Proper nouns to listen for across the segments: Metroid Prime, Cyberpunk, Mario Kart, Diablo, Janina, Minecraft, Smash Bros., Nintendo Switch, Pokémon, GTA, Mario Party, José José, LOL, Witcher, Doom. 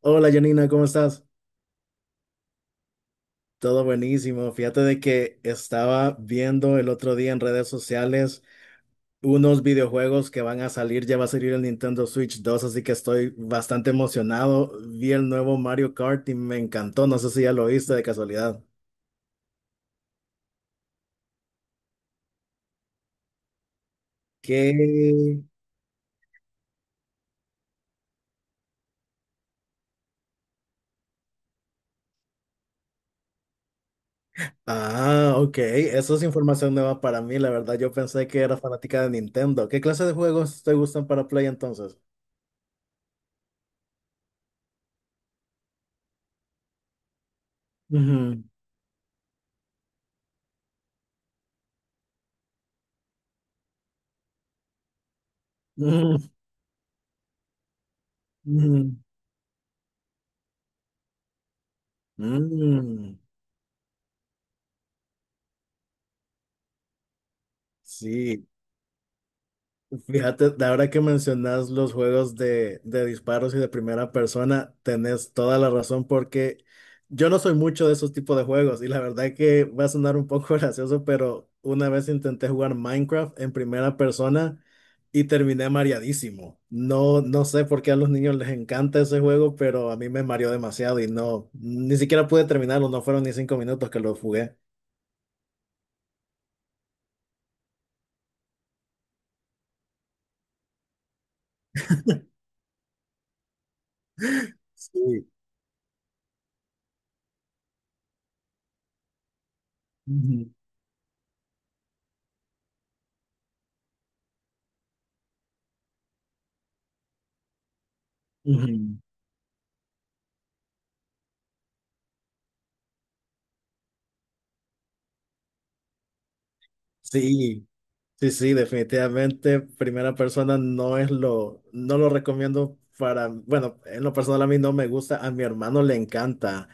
Hola Janina, ¿cómo estás? Todo buenísimo. Fíjate de que estaba viendo el otro día en redes sociales unos videojuegos que van a salir, ya va a salir el Nintendo Switch 2, así que estoy bastante emocionado. Vi el nuevo Mario Kart y me encantó, no sé si ya lo viste de casualidad. ¿Qué? Ah, ok, eso es información nueva para mí, la verdad yo pensé que era fanática de Nintendo. ¿Qué clase de juegos te gustan para Play entonces? Ujú, ujú, ujú, mm, sí. Fíjate, de ahora que mencionas los juegos de disparos y de primera persona, tenés toda la razón porque yo no soy mucho de esos tipos de juegos y la verdad que va a sonar un poco gracioso, pero una vez intenté jugar Minecraft en primera persona y terminé mareadísimo. No, no sé por qué a los niños les encanta ese juego, pero a mí me mareó demasiado y no, ni siquiera pude terminarlo, no fueron ni 5 minutos que lo jugué. Sí. Ujú, ujú. Sí. Sí, sí, definitivamente primera persona no lo recomiendo para, bueno, en lo personal a mí no me gusta, a mi hermano le encanta.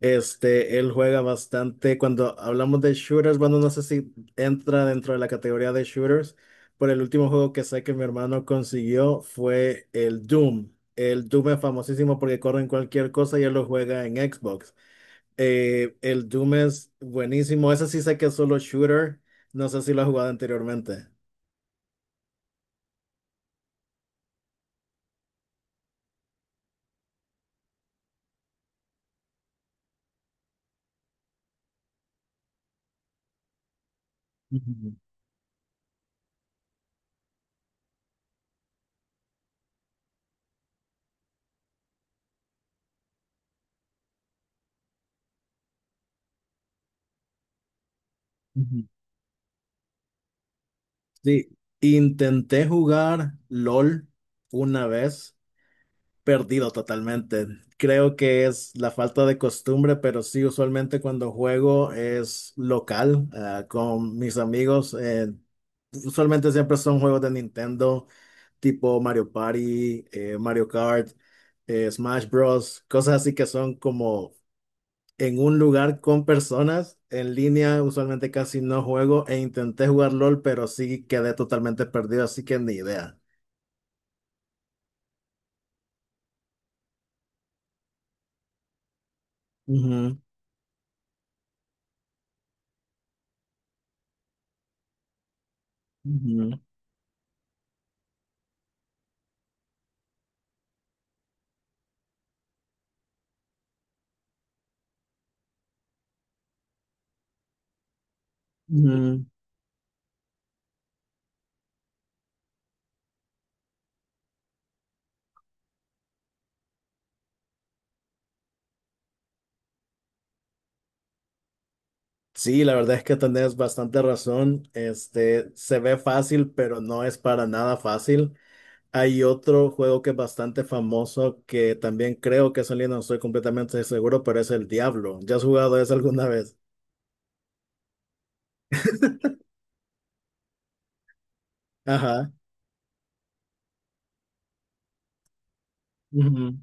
Este, él juega bastante. Cuando hablamos de shooters, bueno, no sé si entra dentro de la categoría de shooters, pero el último juego que sé que mi hermano consiguió fue el Doom. El Doom es famosísimo porque corre en cualquier cosa y él lo juega en Xbox. El Doom es buenísimo. Ese sí sé que es solo shooter. No sé si lo has jugado anteriormente. Ujú, ujú. Sí, intenté jugar LOL una vez, perdido totalmente. Creo que es la falta de costumbre, pero sí, usualmente cuando juego es local, ah, con mis amigos. Usualmente siempre son juegos de Nintendo, tipo Mario Party, Mario Kart, Smash Bros., cosas así que son como en un lugar con personas. En línea usualmente casi no juego e intenté jugar LOL, pero sí quedé totalmente perdido, así que ni idea. Ujú, ujú, ujú. Sí, la verdad es que tenés bastante razón. Este, se ve fácil, pero no es para nada fácil. Hay otro juego que es bastante famoso que también creo que es en línea, no estoy completamente seguro, pero es el Diablo. ¿Ya has jugado eso alguna vez? Ajá. Ujú,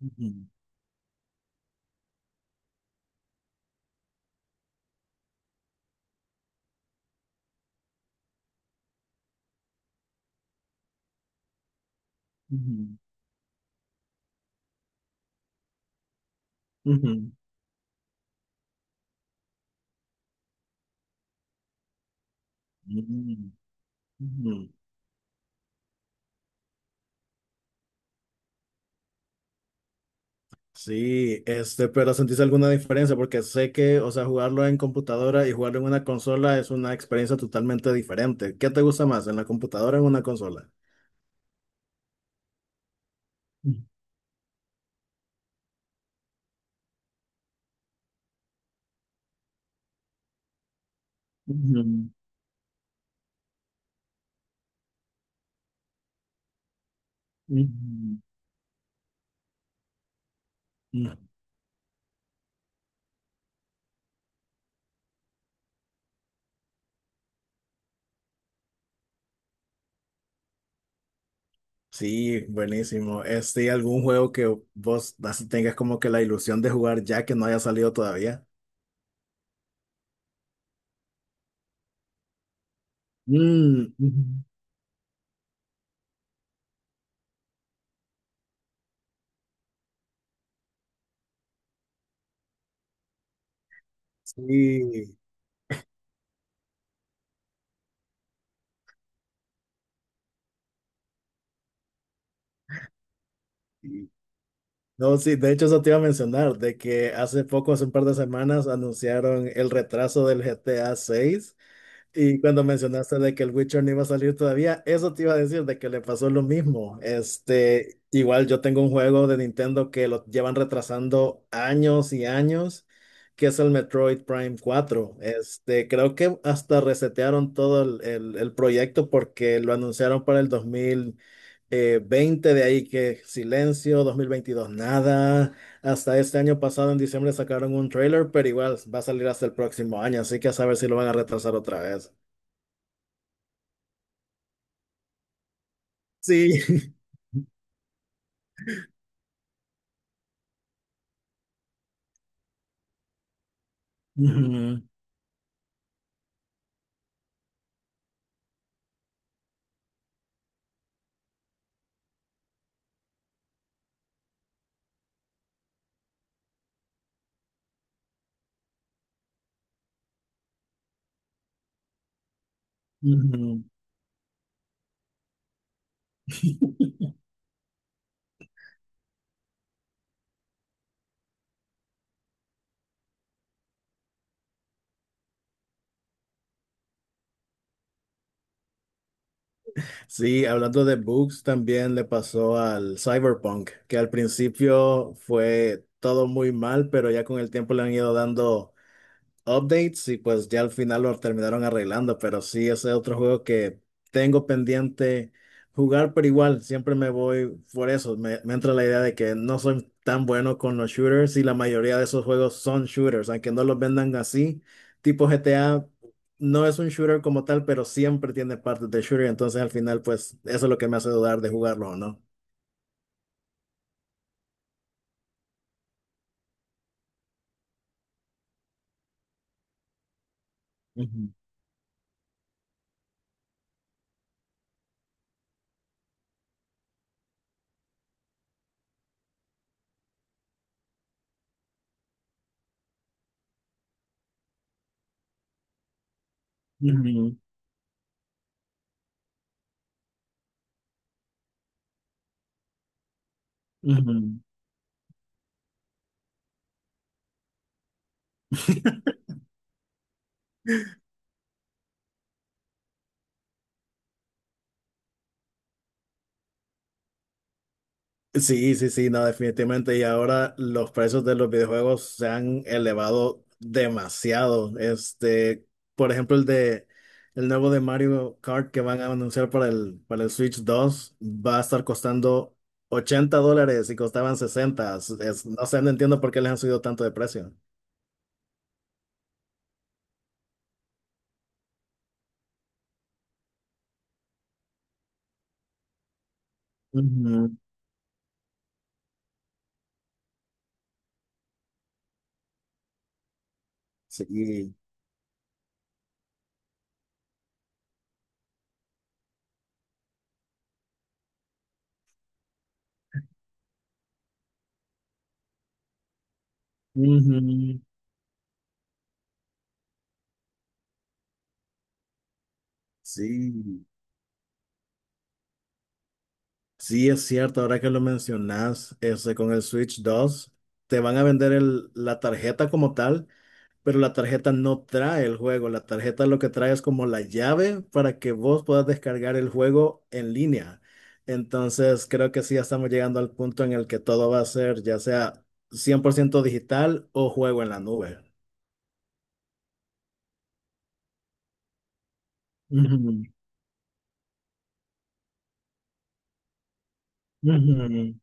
ujú, ujú, ujú, ujú, ujú. Sí, este, pero ¿sentís alguna diferencia? Porque sé que, o sea, jugarlo en computadora y jugarlo en una consola es una experiencia totalmente diferente. ¿Qué te gusta más, en la computadora o en una consola? Ujú, ujú. Mm. Sí, buenísimo. Este, ¿algún juego que vos así tengas como que la ilusión de jugar ya que no haya salido todavía? Mm, ujú. Sí. Sí. No, sí, de hecho eso te iba a mencionar, de que hace poco, hace un par de semanas, anunciaron el retraso del GTA 6. Y cuando mencionaste de que el Witcher no iba a salir todavía, eso te iba a decir de que le pasó lo mismo. Este, igual yo tengo un juego de Nintendo que lo llevan retrasando años y años, que es el Metroid Prime 4. Este, creo que hasta resetearon todo el proyecto porque lo anunciaron para el dos mil veinte, de ahí que silencio, 2022 nada. Hasta este año pasado, en diciembre, sacaron un trailer, pero igual va a salir hasta el próximo año, así que a saber si lo van a retrasar otra vez. Sí. Ujú, ujú. Sí, hablando de bugs, también le pasó al Cyberpunk, que al principio fue todo muy mal, pero ya con el tiempo le han ido dando updates y pues ya al final lo terminaron arreglando, pero sí, ese es otro juego que tengo pendiente jugar, pero igual siempre me voy por eso, me entra la idea de que no soy tan bueno con los shooters y la mayoría de esos juegos son shooters, aunque no los vendan así, tipo GTA. No es un shooter como tal, pero siempre tiene partes de shooter, entonces al final pues eso es lo que me hace dudar de jugarlo o no. Ujú, ujú, ujú. Sí, sí, sí, no, definitivamente. Y ahora los precios de los videojuegos se han elevado demasiado. Este, por ejemplo, el nuevo de Mario Kart que van a anunciar para el Switch 2, va a estar costando $80 y costaban 60. No sé, no entiendo por qué les han subido tanto de precio. Ujú, sí. Ujú, sí. Sí, es cierto, ahora que lo mencionas, ese con el Switch 2 te van a vender la tarjeta como tal, pero la tarjeta no trae el juego, la tarjeta lo que trae es como la llave para que vos puedas descargar el juego en línea. Entonces, creo que sí, ya estamos llegando al punto en el que todo va a ser ya sea 100% digital o juego en la nube. Ujú, ujú,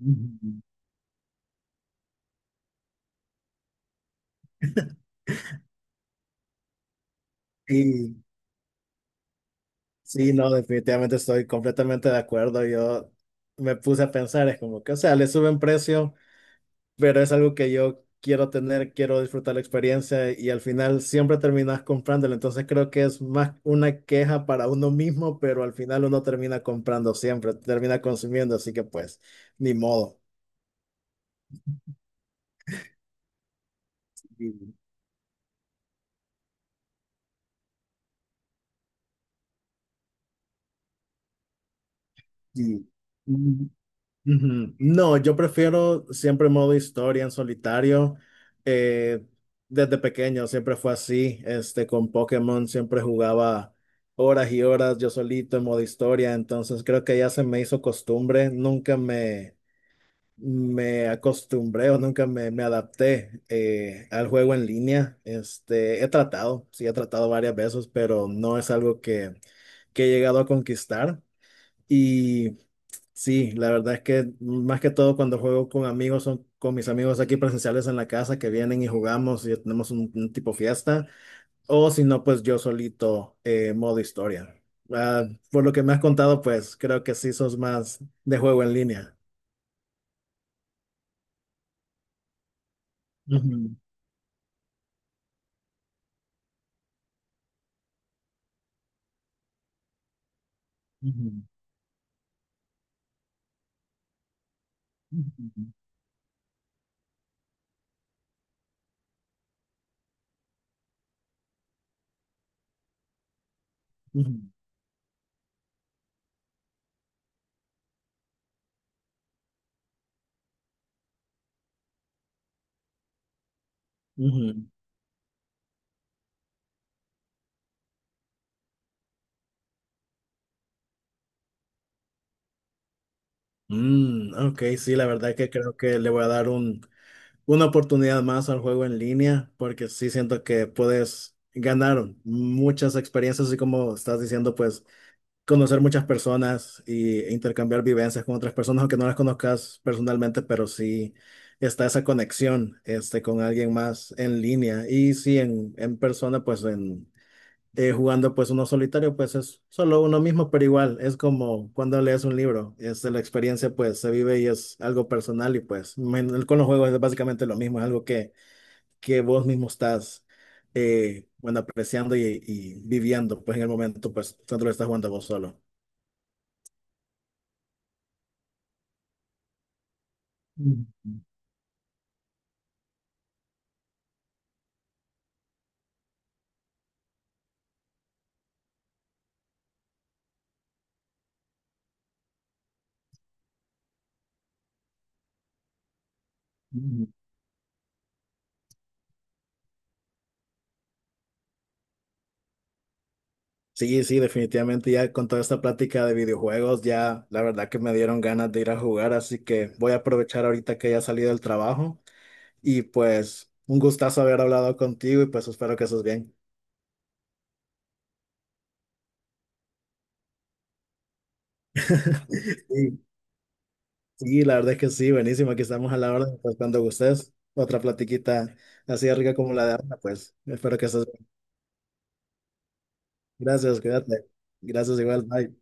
ujú. Y sí, no, definitivamente estoy completamente de acuerdo. Yo me puse a pensar, es como que, o sea, le suben precio, pero es algo que yo quiero tener, quiero disfrutar la experiencia y al final siempre terminas comprándolo. Entonces creo que es más una queja para uno mismo, pero al final uno termina comprando siempre, termina consumiendo, así que pues, ni modo. Sí, sí. Ujú. No, yo prefiero siempre modo historia en solitario. Eh, Desde pequeño siempre fue así. Este, con Pokémon siempre jugaba horas y horas yo solito en modo historia. Entonces creo que ya se me hizo costumbre. Nunca me acostumbré o nunca me adapté al juego en línea. Este, he tratado, sí, he tratado varias veces, pero no es algo que he llegado a conquistar. Sí, la verdad es que más que todo cuando juego con amigos, son con mis amigos aquí presenciales en la casa que vienen y jugamos y tenemos un tipo fiesta, o si no, pues yo solito, modo historia. Ah, por lo que me has contado, pues creo que sí sos más de juego en línea. Ujú, ujú, ujú, ujú, ujú. Mm, ok, sí, la verdad es que creo que le voy a dar una oportunidad más al juego en línea, porque sí siento que puedes ganar muchas experiencias, así como estás diciendo, pues conocer muchas personas e intercambiar vivencias con otras personas, aunque no las conozcas personalmente, pero sí está esa conexión este, con alguien más en línea. Y sí, en persona, pues en jugando pues uno solitario, pues es solo uno mismo, pero igual es como cuando lees un libro, es la experiencia pues se vive y es algo personal y pues con los juegos es básicamente lo mismo, es algo que vos mismo estás bueno, apreciando y viviendo pues en el momento pues cuando lo estás jugando vos solo. Mm, mm. Sí, sí, definitivamente ya con toda esta plática de videojuegos ya la verdad que me dieron ganas de ir a jugar, así que voy a aprovechar ahorita que ya salí del trabajo. Y pues un gustazo haber hablado contigo y pues espero que estés bien. Sí, sí, la verdad es que sí, buenísimo. Aquí estamos a la orden, pues cuando gustes. Otra platiquita así de rica como la de Ana, pues espero que estés bien. Gracias, cuídate. Gracias igual, bye.